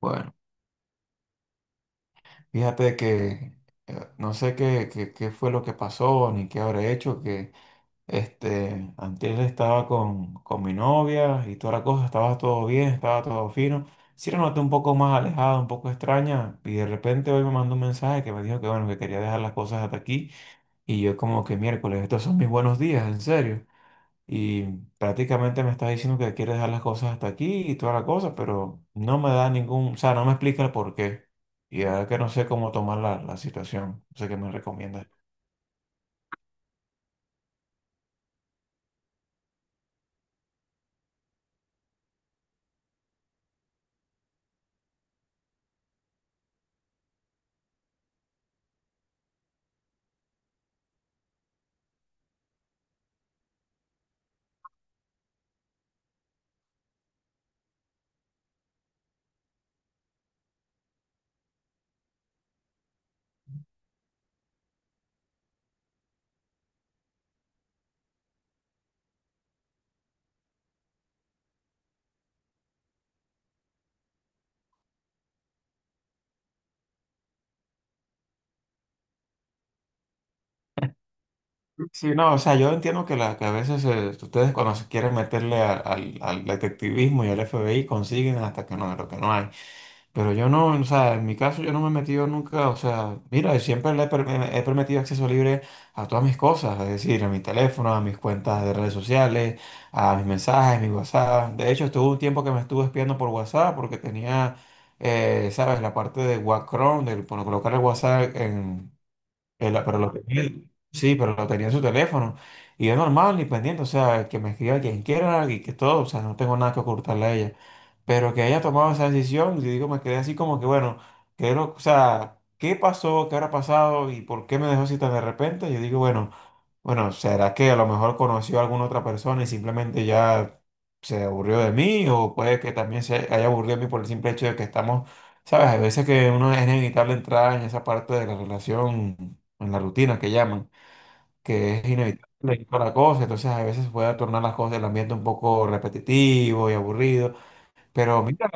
Bueno, fíjate que no sé qué fue lo que pasó ni qué habré hecho, que antes estaba con mi novia y toda la cosa, estaba todo bien, estaba todo fino. Sí la noté un poco más alejada, un poco extraña, y de repente hoy me mandó un mensaje que me dijo que bueno, que quería dejar las cosas hasta aquí, y yo como que miércoles, estos son mis buenos días, en serio. Y prácticamente me estás diciendo que quieres dejar las cosas hasta aquí y toda la cosa, pero no me da ningún, o sea, no me explica el por qué. Y ahora que no sé cómo tomar la situación, no sé qué me recomiendas. Sí, no, o sea, yo entiendo que, la, que a veces ustedes cuando se quieren meterle al detectivismo y al FBI consiguen hasta que no, lo que no hay. Pero yo no, o sea, en mi caso yo no me he metido nunca, o sea, mira, siempre le he permitido acceso libre a todas mis cosas, es decir, a mi teléfono, a mis cuentas de redes sociales, a mis mensajes, mis WhatsApp. De hecho, estuvo un tiempo que me estuve espiando por WhatsApp porque tenía, ¿sabes? La parte de Wacron, de colocar el WhatsApp en, pero lo tenía, sí, pero lo tenía en su teléfono. Y es normal, y pendiente, o sea, que me escriba quien quiera y que todo, o sea, no tengo nada que ocultarle a ella. Pero que haya tomado esa decisión, y digo, me quedé así como que, bueno, quiero, o sea, ¿qué pasó? ¿Qué habrá pasado? ¿Y por qué me dejó así tan de repente? Yo digo, bueno. Bueno, ¿será que a lo mejor conoció a alguna otra persona y simplemente ya se aburrió de mí? O puede que también se haya aburrido de mí por el simple hecho de que estamos, ¿sabes? Hay veces que uno es inevitable entrar en esa parte de la relación, en la rutina que llaman, que es inevitable y toda la cosa. Entonces, a veces puede tornar las cosas, el ambiente un poco repetitivo y aburrido. Pero mira,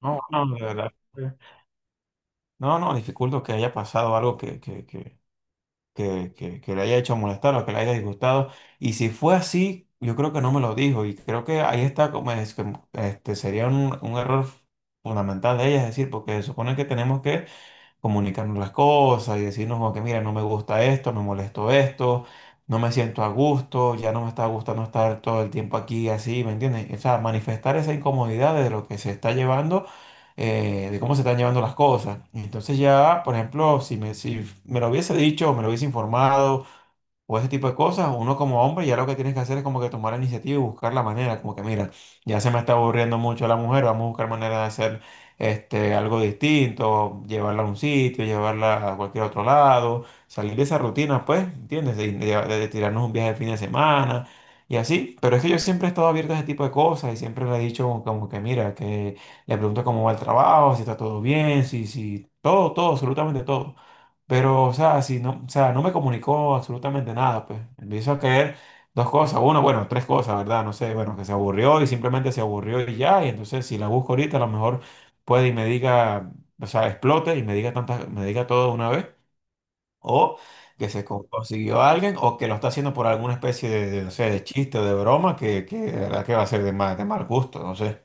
no, no, de verdad. No, no, dificulto que haya pasado algo que le haya hecho molestar o que le haya disgustado. Y si fue así, yo creo que no me lo dijo. Y creo que ahí está como es que, sería un error fundamental de ella, es decir, porque se supone que tenemos que comunicarnos las cosas y decirnos como que mira, no me gusta esto, me molesto esto, no me siento a gusto, ya no me está gustando estar todo el tiempo aquí así, ¿me entiendes? O sea, manifestar esa incomodidad de lo que se está llevando, de cómo se están llevando las cosas. Entonces ya, por ejemplo, si me lo hubiese dicho, me lo hubiese informado, o ese tipo de cosas, uno como hombre ya lo que tienes que hacer es como que tomar la iniciativa y buscar la manera, como que mira, ya se me está aburriendo mucho la mujer, vamos a buscar manera de hacer algo distinto, llevarla a un sitio, llevarla a cualquier otro lado, salir de esa rutina, pues, ¿entiendes? De tirarnos un viaje de fin de semana. Y así, pero es que yo siempre he estado abierto a ese tipo de cosas y siempre le he dicho como, como que mira, que le pregunto cómo va el trabajo, si está todo bien, si, absolutamente todo. Pero, o sea, si no, o sea, no me comunicó absolutamente nada, pues. Empiezo a caer dos cosas, uno, bueno, tres cosas, ¿verdad? No sé, bueno, que se aburrió y simplemente se aburrió y ya, y entonces si la busco ahorita, a lo mejor puede y me diga, o sea, explote y me diga tantas, me diga todo de una vez, o que consiguió a alguien, o que lo está haciendo por alguna especie no sé, de chiste o de broma, que de verdad que va a ser de de mal gusto, no sé.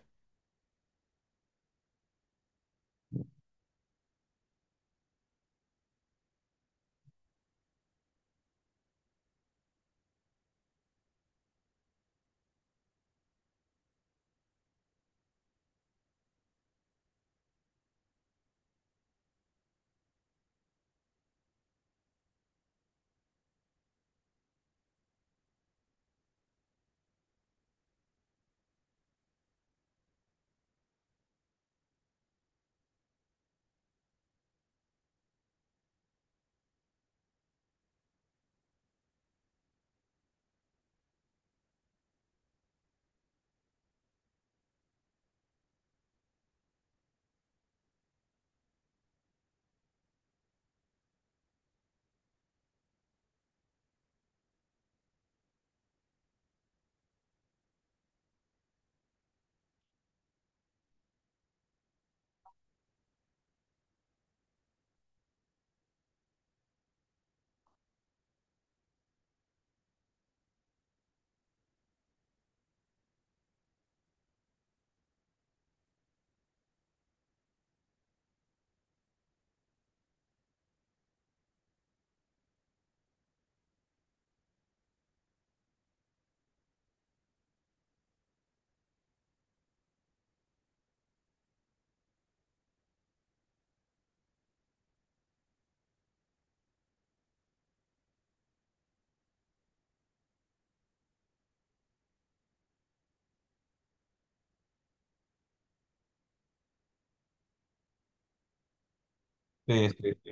Sí, sí, sí.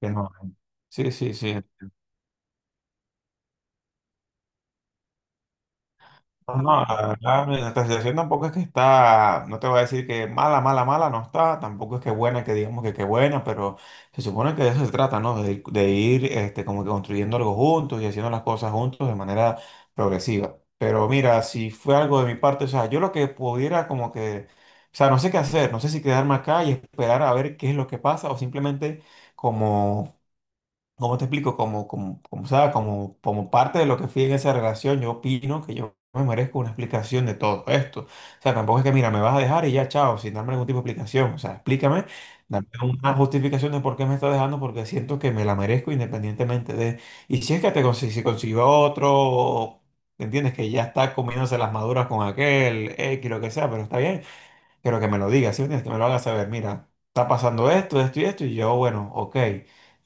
Que no. Sí, sí, sí. No, no, la verdad, nuestra situación tampoco es que está, no te voy a decir que mala, mala no está, tampoco es que buena, que digamos que qué buena, pero se supone que de eso se trata, ¿no? De, de ir como que construyendo algo juntos y haciendo las cosas juntos de manera progresiva. Pero mira, si fue algo de mi parte, o sea, yo lo que pudiera como que, o sea, no sé qué hacer, no sé si quedarme acá y esperar a ver qué es lo que pasa o simplemente como... ¿Cómo te explico? Sea, como parte de lo que fui en esa relación, yo opino que yo me merezco una explicación de todo esto. O sea, tampoco es que, mira, me vas a dejar y ya, chao, sin darme ningún tipo de explicación. O sea, explícame, dame una justificación de por qué me estás dejando, porque siento que me la merezco independientemente de... Y si es que si consiguió otro, o- ¿entiendes? Que ya está comiéndose las maduras con aquel, X, lo que sea, pero está bien pero que me lo diga, ¿sí me entiendes? Que me lo haga saber, mira, está pasando esto, esto y esto, y yo, bueno, ok,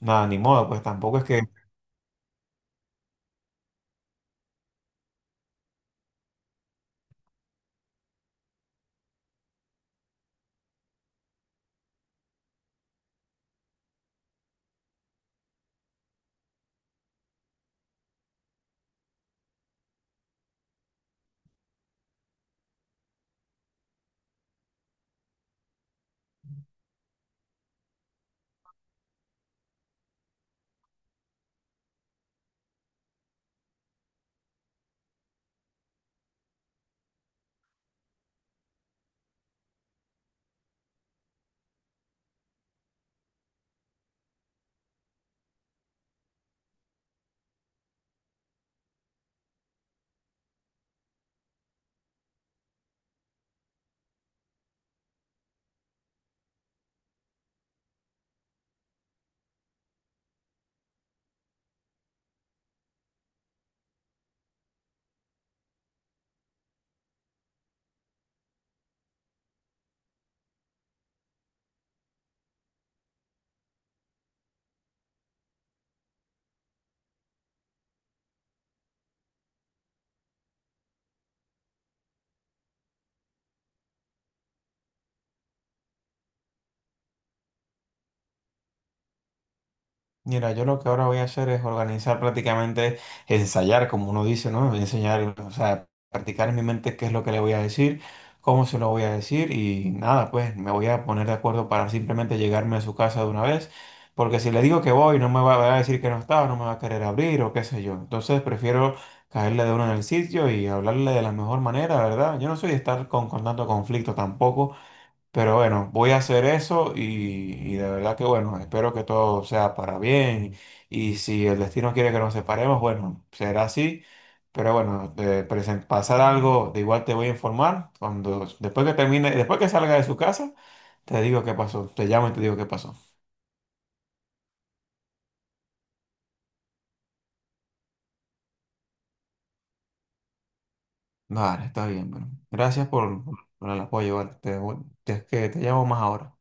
nada, ni modo, pues tampoco es que mira, yo lo que ahora voy a hacer es organizar prácticamente, ensayar, como uno dice, ¿no? Enseñar, o sea, practicar en mi mente qué es lo que le voy a decir, cómo se lo voy a decir y nada, pues me voy a poner de acuerdo para simplemente llegarme a su casa de una vez, porque si le digo que voy, no me va a decir que no está o no me va a querer abrir o qué sé yo. Entonces prefiero caerle de uno en el sitio y hablarle de la mejor manera, ¿verdad? Yo no soy de estar con tanto conflicto tampoco. Pero bueno, voy a hacer eso y de verdad que bueno, espero que todo sea para bien y si el destino quiere que nos separemos, bueno, será así. Pero bueno, pasar algo, de igual te voy a informar cuando después que termine, después que salga de su casa, te digo qué pasó, te llamo y te digo qué pasó. Vale, está bien, bueno. Gracias por el apoyo, vale. Que te llamo más ahora.